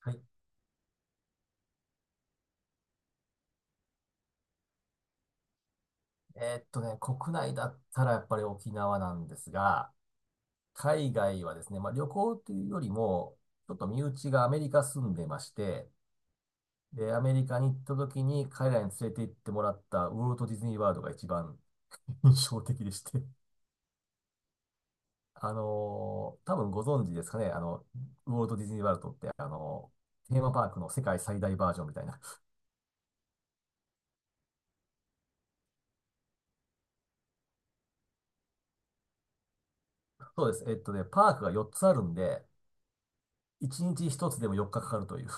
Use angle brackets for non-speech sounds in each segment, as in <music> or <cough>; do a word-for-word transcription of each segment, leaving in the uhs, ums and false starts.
はい。えーっとね、国内だったらやっぱり沖縄なんですが、海外はですね、まあ、旅行というよりも、ちょっと身内がアメリカ住んでまして、で、アメリカに行った時に彼らに連れて行ってもらったウォルト・ディズニー・ワールドが一番 <laughs> 印象的でして、あのー多分ご存知ですかね、あの、ウォルト・ディズニー・ワールドって、あのーテーマパークの世界最大バージョンみたいな。そうです。えっとね、パークがよっつあるんで、いちにちひとつでもよっかかかかるという。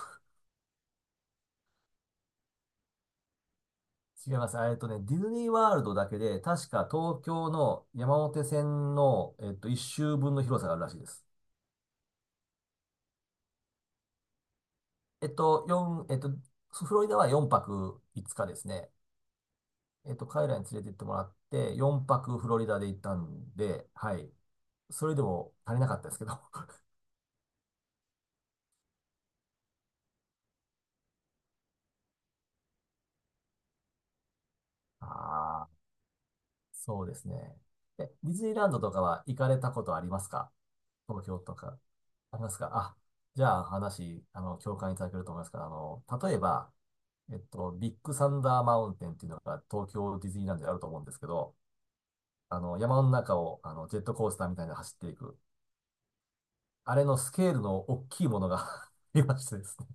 違います。えっとね、ディズニーワールドだけで、確か東京の山手線の、えっと、一周分の広さがあるらしいです。えっと、四えっと、フロリダはよんはくいつかですね。えっと、彼らに連れて行ってもらって、よんはくフロリダで行ったんで、はい。それでも足りなかったですけど。<laughs> ああ、<laughs> そうですね。え、ディズニーランドとかは行かれたことありますか？東京とか。ありますかあ、じゃあ話、あの、共感いただけると思いますから、あの、例えば、えっと、ビッグサンダーマウンテンっていうのが東京ディズニーランドであると思うんですけど、あの、山の中をあのジェットコースターみたいなの走っていく。あれのスケールの大きいものが <laughs> 見ましてですね。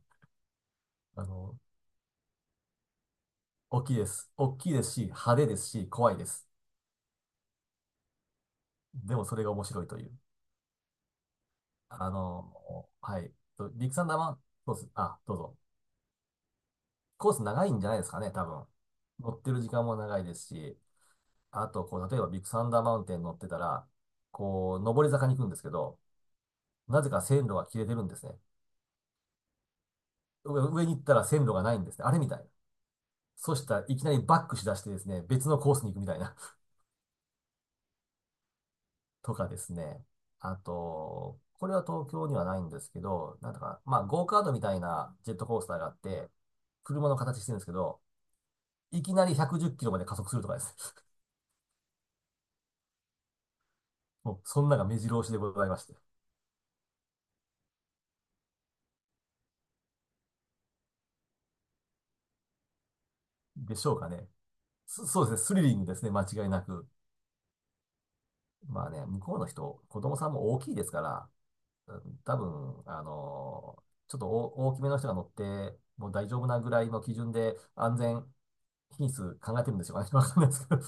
あの、大きいです。大きいですし、派手ですし、怖いです。でもそれが面白いという。あの、はい。ビッグサンダーマウンテン、そうです。あ、どうぞ。コース長いんじゃないですかね、多分。乗ってる時間も長いですし、あと、こう、例えばビッグサンダーマウンテン乗ってたら、こう、上り坂に行くんですけど、なぜか線路が切れてるんですね。上に行ったら線路がないんですね。あれみたいな。そしたらいきなりバックしだしてですね、別のコースに行くみたいな。<laughs> とかですね。あと、これは東京にはないんですけど、なんだか、まあ、ゴーカートみたいなジェットコースターがあって、車の形してるんですけど、いきなりひゃくじゅっキロまで加速するとかですね。<laughs> もう、そんなが目白押しでございまして。でしょうかね。そそうですね、スリリングですね、間違いなく。まあね、向こうの人、子供さんも大きいですから、多分、あのちょっと大大きめの人が乗って、もう大丈夫なぐらいの基準で安全品質考えてるんでしょうかね。<laughs> わかんないですけど。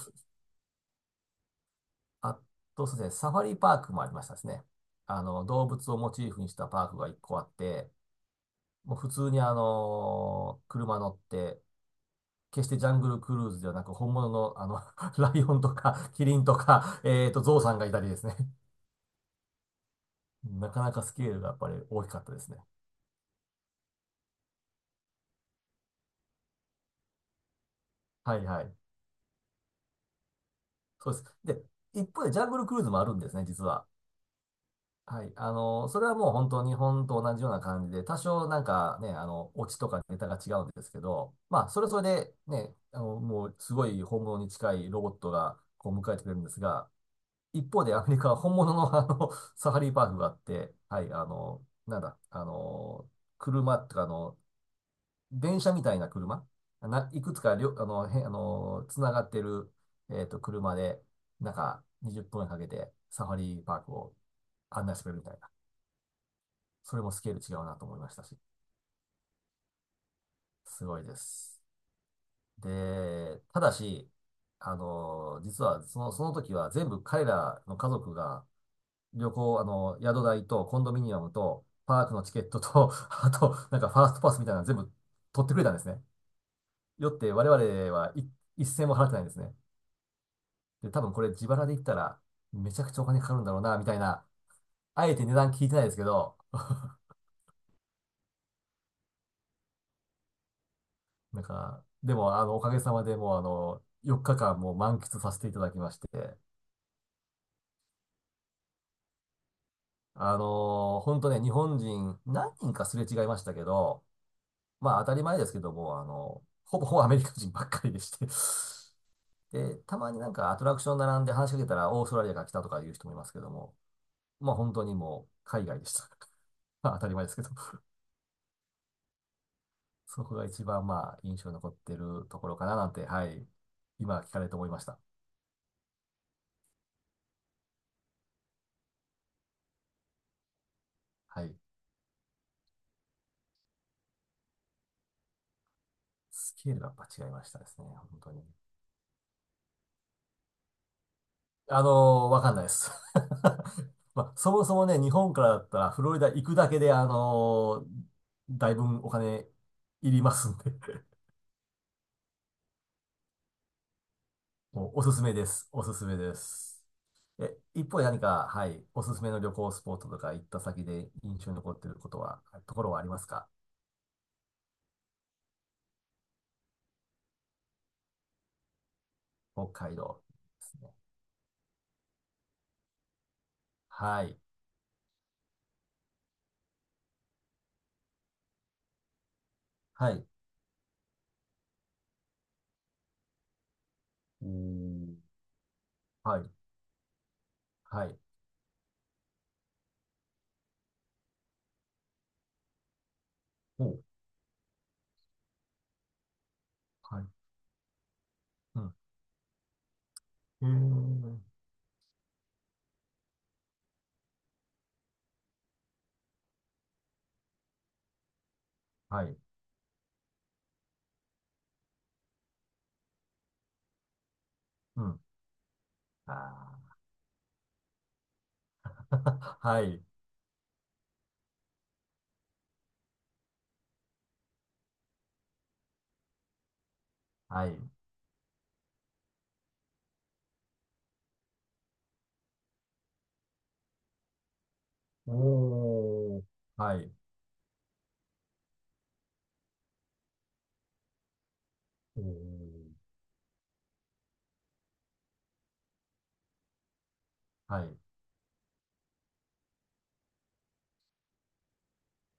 あと、そうですね、サファリパークもありましたですね。あの、動物をモチーフにしたパークが一個あって、もう普通にあの車乗って、決してジャングルクルーズではなく、本物のあの、<laughs> ライオンとか、キリンとか、えっと、ゾウさんがいたりですね。<laughs> なかなかスケールがやっぱり大きかったですね。はいはい。そうです。で、一方でジャングルクルーズもあるんですね、実は。はい。あの、それはもう本当日本と同じような感じで、多少なんかね、あの、オチとかネタが違うんですけど、まあ、それそれでね、あの、もうすごい本物に近いロボットがこう迎えてくれるんですが、一方でアメリカは本物のあの、サファリパークがあって、はい、あの、なんだ、あの、車とかの電車みたいな車、な、いくつかりょ、あの、へ、あの、つながってる、えっと、車で、なんか、にじゅっぷんかけて、サファリパークを案内してくれるみたいな。それもスケール違うなと思いましたし、すごいです。で、ただし、あの、実は、その、その時は全部彼らの家族が、旅行、あの、宿代とコンドミニアムと、パークのチケットと、<laughs> あと、なんかファーストパスみたいなの全部取ってくれたんですね。よって、我々はい一銭も払ってないんですね。で、多分これ自腹で言ったら、めちゃくちゃお金かかるんだろうな、みたいな。あえて値段聞いてないですけど、なんか、でも、あの、おかげさまでもう、あの、よっかかんもう満喫させていただきまして、あのー本当ね、日本人何人かすれ違いましたけど、まあ当たり前ですけども、あの、ほぼほぼアメリカ人ばっかりでして <laughs> で、たまになんかアトラクション並んで話しかけたらオーストラリアから来たとかいう人もいますけども、まあ本当にもう海外でした。<laughs> まあ当たり前ですけどそこが一番まあ印象に残ってるところかななんて、はい。今聞かれて思いました。はい。スケールがやっぱ違いましたですね。本当に。あのーわかんないです。<laughs> まあ、そもそもね、日本からだったらフロリダ行くだけで、あのーだいぶんお金いりますんで <laughs> もうおすすめです。おすすめです。え、一方で何か、はい、おすすめの旅行スポットとか行った先で印象に残っていることは、ところはありますか？北海道ですね。はい。はい。おー、はい、はい、おー、はい、うん、へえ、はい、うん、あー <laughs> はい、はい、おー、はい、おー、はい、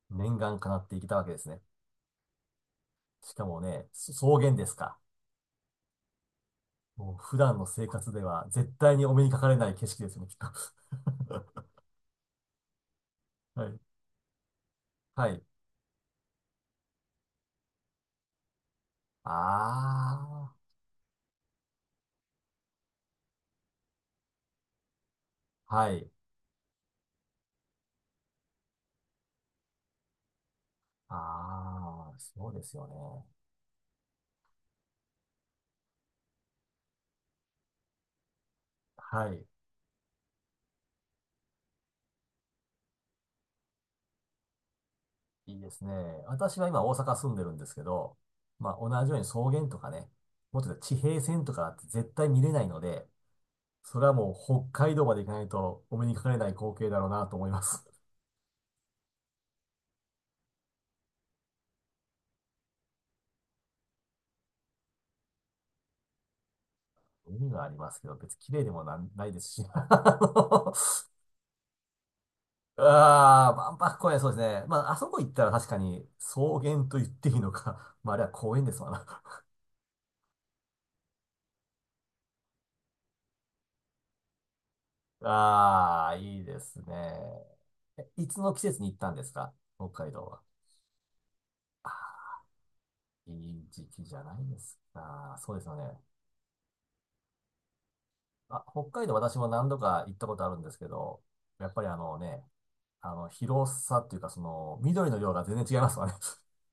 念願叶っていけたわけですね。しかもね、そ草原ですか？もう普段の生活では絶対にお目にかかれない景色ですね、きっと。<laughs> はい、はい、あー、はい、あー、そうですよね。はい。いいですね。私は今大阪住んでるんですけど、まあ同じように草原とかね、もっと言うと地平線とかって絶対見れないので、それはもう北海道まで行かないとお目にかかれない光景だろうなと思います。<laughs> 海はありますけど、別に綺麗でもなん、ないですし。<laughs> あのあー、万博公園そうですね。まあ、あそこ行ったら確かに草原と言っていいのか。<laughs> まあ、あれは公園ですわな。<laughs> ああ、いいですね。えいつの季節に行ったんですか？北海道は。いい時期じゃないですか。そうですよね。あ、北海道私も何度か行ったことあるんですけど、やっぱりあのね、あの、広さっていうか、その、緑の量が全然違いますわね。<laughs>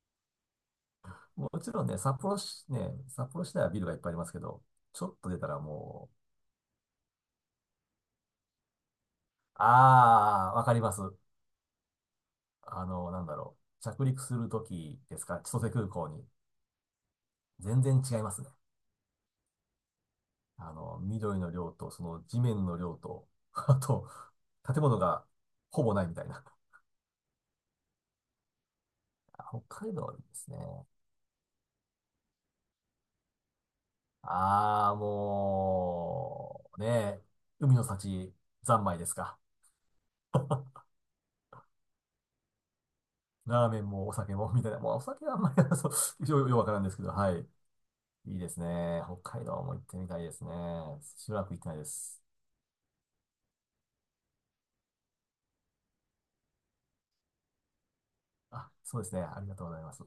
もちろんね、札幌市、ね、札幌市内はビルがいっぱいありますけど、ちょっと出たらもう、ああ、わかります。あの、なんだろう。着陸するときですか？千歳空港に。全然違いますね。あの、緑の量と、その地面の量と、<laughs> あと、建物がほぼないみたいな。北海道はいいですね。ああ、もう、ねえ、海の幸、三昧ですか？ラーメンもお酒も、みたいな。もうお酒はあんまり、<laughs> そう、よ、よくわからんですけど、はい。いいですね。北海道も行ってみたいですね。しばらく行ってないです。あ、そうですね。ありがとうございます。